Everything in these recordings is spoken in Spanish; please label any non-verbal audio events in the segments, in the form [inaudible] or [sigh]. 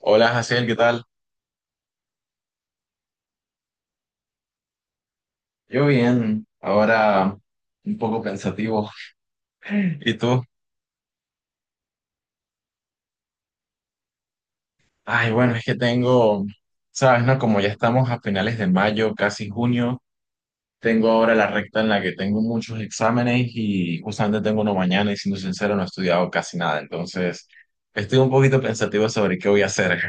Hola, Jaciel, ¿qué tal? Yo bien, ahora un poco pensativo. [laughs] ¿Y tú? Ay, bueno, es que tengo, sabes, ¿no? Como ya estamos a finales de mayo, casi junio, tengo ahora la recta en la que tengo muchos exámenes y justamente tengo uno mañana y siendo sincero no he estudiado casi nada, entonces estoy un poquito pensativo sobre qué voy a hacer.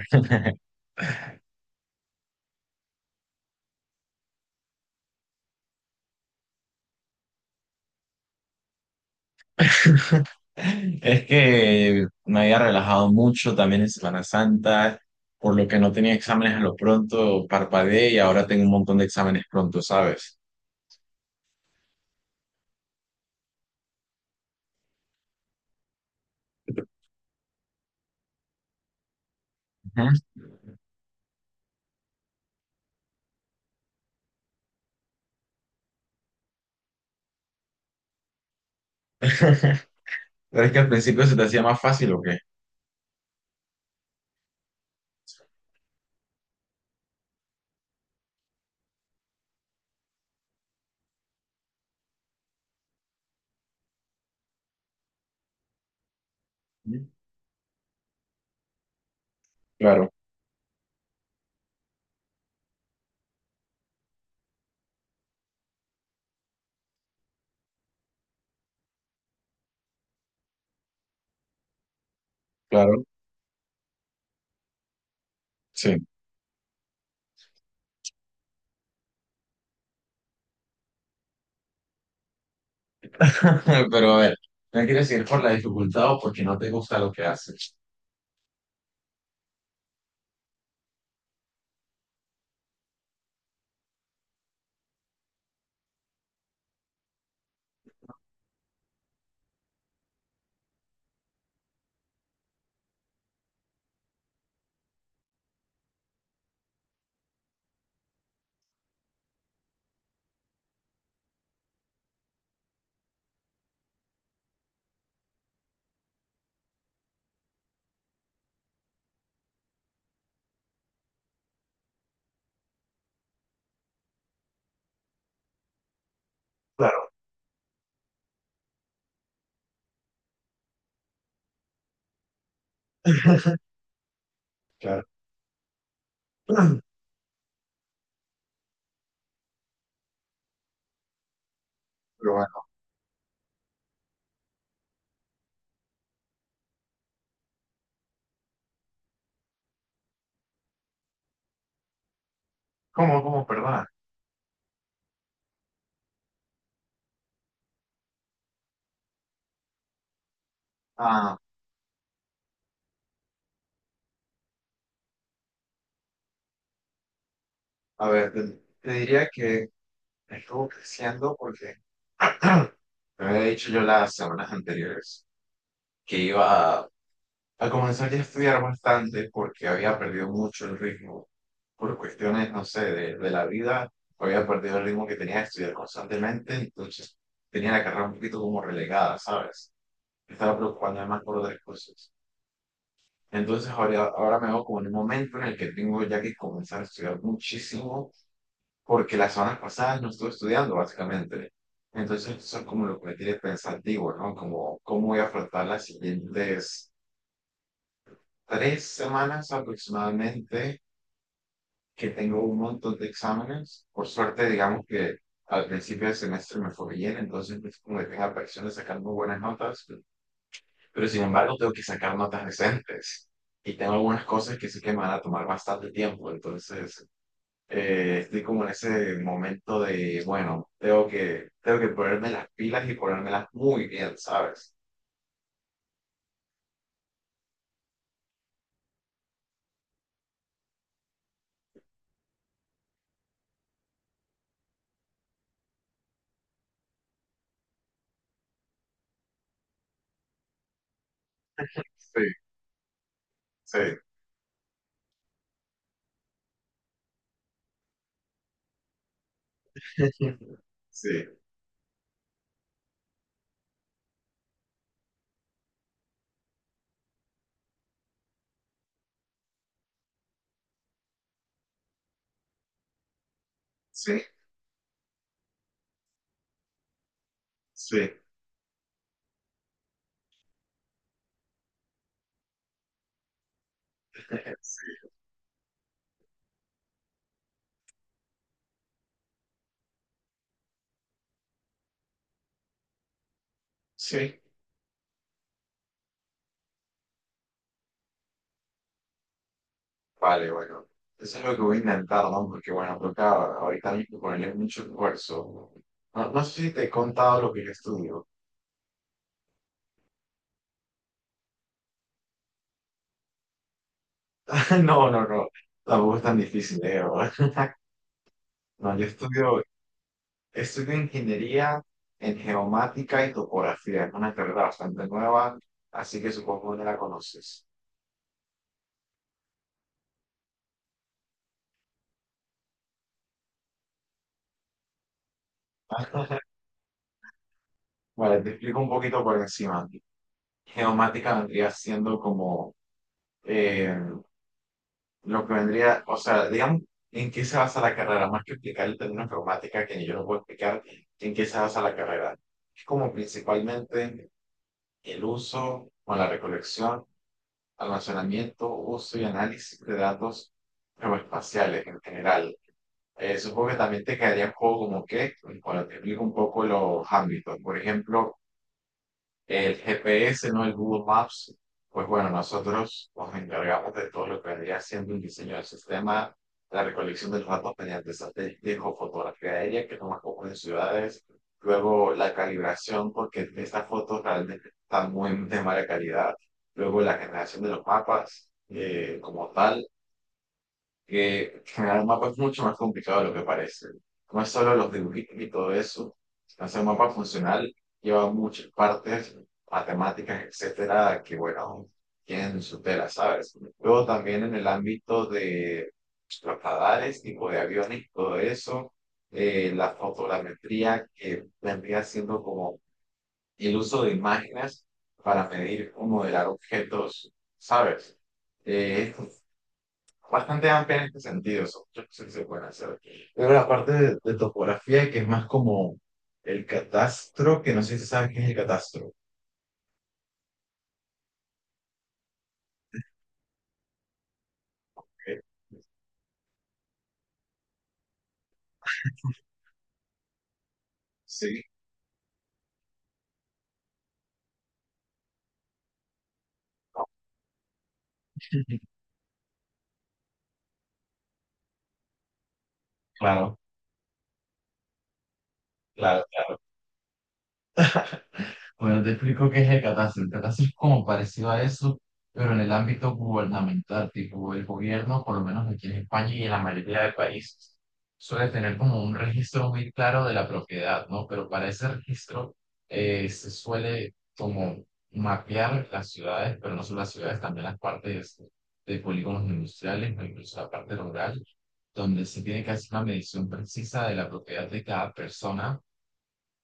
Es que me había relajado mucho también en Semana Santa, por lo que no tenía exámenes a lo pronto, parpadeé y ahora tengo un montón de exámenes pronto, ¿sabes? Ujú. [laughs] Pero es que al principio se te hacía más fácil o qué? Claro, claro, sí. [laughs] Pero a ver, no quieres ir por la dificultad o porque no te gusta lo que haces. Claro, claro. [clears throat] Pero bueno, ¿cómo, cómo, perdón? Ah, a ver, te diría que estuvo creciendo porque [clears throat] me había dicho yo las semanas anteriores que iba a comenzar ya a estudiar bastante porque había perdido mucho el ritmo por cuestiones, no sé, de la vida. Había perdido el ritmo que tenía de estudiar constantemente, entonces tenía la carrera un poquito como relegada, ¿sabes? Me estaba preocupando además por otras cosas. Entonces ahora me veo como en un momento en el que tengo ya que comenzar a estudiar muchísimo porque las semanas pasadas no estuve estudiando, básicamente. Entonces, eso es como lo que me tiene pensativo, ¿no? Como cómo voy a afrontar las siguientes tres semanas aproximadamente, que tengo un montón de exámenes. Por suerte, digamos que al principio del semestre me fue bien, entonces no es como que tenga presión de sacar muy buenas notas, pero sin embargo tengo que sacar notas decentes. Y tengo algunas cosas que sí que me van a tomar bastante tiempo, entonces estoy como en ese momento de, bueno, tengo que ponerme las pilas y ponérmelas muy bien, ¿sabes? Sí, sí, sí, sí, sí, [laughs] sí, sí. Vale, bueno. Eso es lo que voy a intentar, ¿no? Porque, bueno, toca ahorita mismo ponerle mucho esfuerzo. No, no sé si te he contado lo que yo estudio. [laughs] No, no, no. Tampoco es tan difícil, ¿eh? [laughs] No, yo estudio, Estudio ingeniería en geomática y topografía. Es una carrera bastante nueva, así que supongo que no la conoces. Vale, te explico un poquito por encima. Geomática vendría siendo como eh, lo que vendría, o sea, digamos, en qué se basa la carrera, más que explicar el término geomática, que yo no puedo explicar, en qué se basa la carrera. Es como principalmente el uso o la recolección, almacenamiento, uso y análisis de datos geoespaciales en general. Supongo que también te quedaría un poco como que, cuando te explico un poco los ámbitos, por ejemplo, el GPS, ¿no? El Google Maps, pues bueno, nosotros nos encargamos de todo lo que vendría siendo el diseño del sistema, la recolección de los datos mediante satélites o fotografía aérea, que es lo más común en ciudades, luego la calibración, porque estas fotos realmente están muy de mala calidad, luego la generación de los mapas como tal, que generar un mapa es mucho más complicado de lo que parece. No es solo los dibujitos y todo eso. Hacer un mapa funcional lleva muchas partes, matemáticas, etcétera, que bueno, tienen su tela, ¿sabes? Luego también en el ámbito de los radares, tipo de aviones, y todo eso, la fotogrametría que vendría siendo como el uso de imágenes para medir o modelar objetos, ¿sabes? Eh, Bastante amplia en este sentido. Son muchas cosas que se pueden hacer. Luego la parte de topografía, que es más como el catastro, que no sé si sabes qué es el catastro. ¿Ok? Sí. Claro, claro, claro. Bueno, te explico qué es el catastro. El catastro es como parecido a eso, pero en el ámbito gubernamental, tipo el gobierno, por lo menos aquí en España y en la mayoría de países, suele tener como un registro muy claro de la propiedad, ¿no? Pero para ese registro se suele como mapear las ciudades, pero no solo las ciudades, también las partes de polígonos industriales, o incluso la parte rural, donde se tiene que hacer una medición precisa de la propiedad de cada persona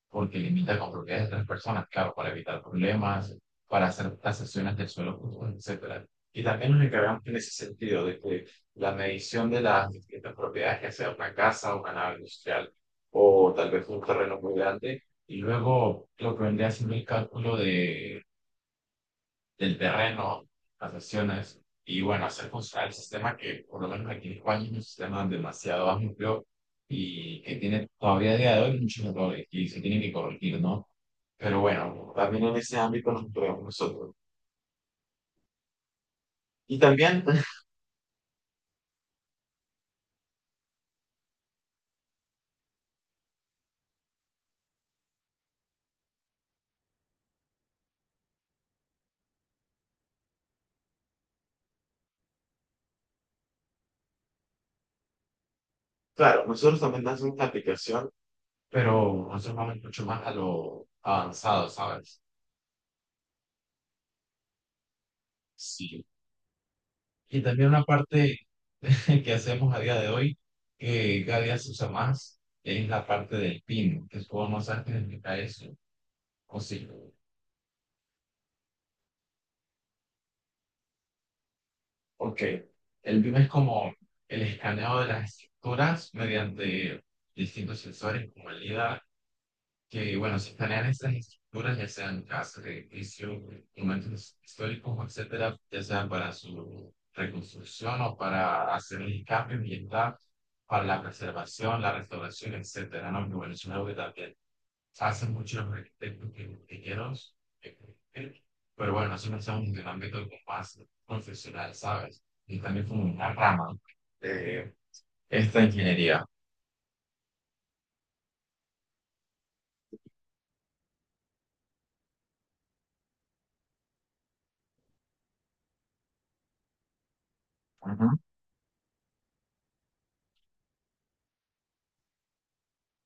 porque limita con propiedades de otras personas, claro, para evitar problemas, para hacer tasaciones del suelo, común, etcétera. Y también nos encargamos en ese sentido de que la medición de las distintas propiedades, ya sea una casa, una nave industrial o tal vez un terreno muy grande, y luego lo que vendría siendo el cálculo de del terreno, las sesiones, y bueno, hacer funcionar el sistema que por lo menos aquí en España es un sistema demasiado amplio y que tiene todavía a día de hoy muchos errores y se tienen que corregir, ¿no? Pero bueno, también en ese ámbito nos movemos nosotros. Y también, [laughs] claro, nosotros también hacemos la aplicación, pero nosotros vamos mucho más a lo avanzado, ¿sabes? Sí. Y también una parte [laughs] que hacemos a día de hoy, que cada día se usa más, es la parte del pino, que es como más fácil explicar eso, o sí, porque el pino es como el escaneo de las estructuras mediante distintos sensores como el LIDAR que, bueno, se planean estas estructuras, ya sean casas, edificios, monumentos históricos, etcétera, ya sea para su reconstrucción o para hacer el cambio ambiental, para la preservación, la restauración, etcétera, ¿no? Que bueno, es una obra que hacen muchos arquitectos que ingenieros, eh, eh, pero bueno, eso no estamos en un ámbito como más profesional, ¿sabes? Y también como una rama de esta ingeniería. Ujú.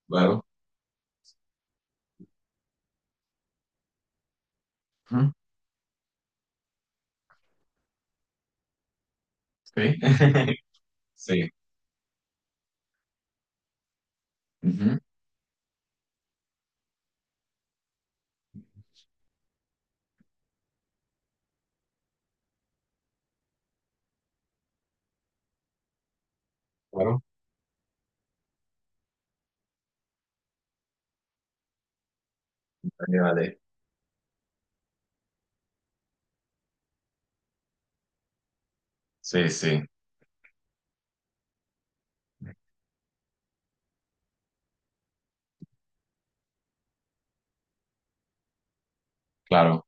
Claro. Ujú. Sí. [laughs] Sí. Ujú. Claro. Vale, vale. Sí, sí, claro.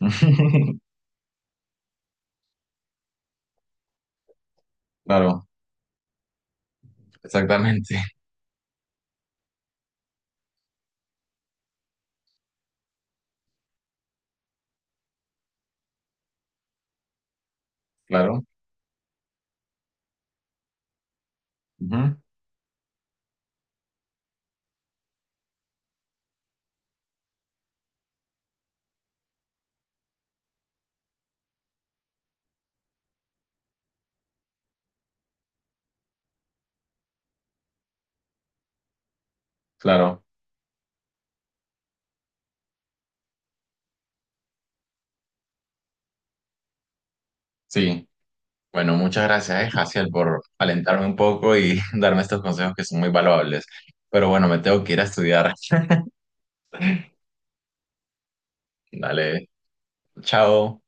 [laughs] Claro, exactamente, claro. Ujú. Claro, sí. Bueno, muchas gracias, Jaciel, por alentarme un poco y [laughs] darme estos consejos que son muy valuables. Pero bueno, me tengo que ir a estudiar. Dale, chao.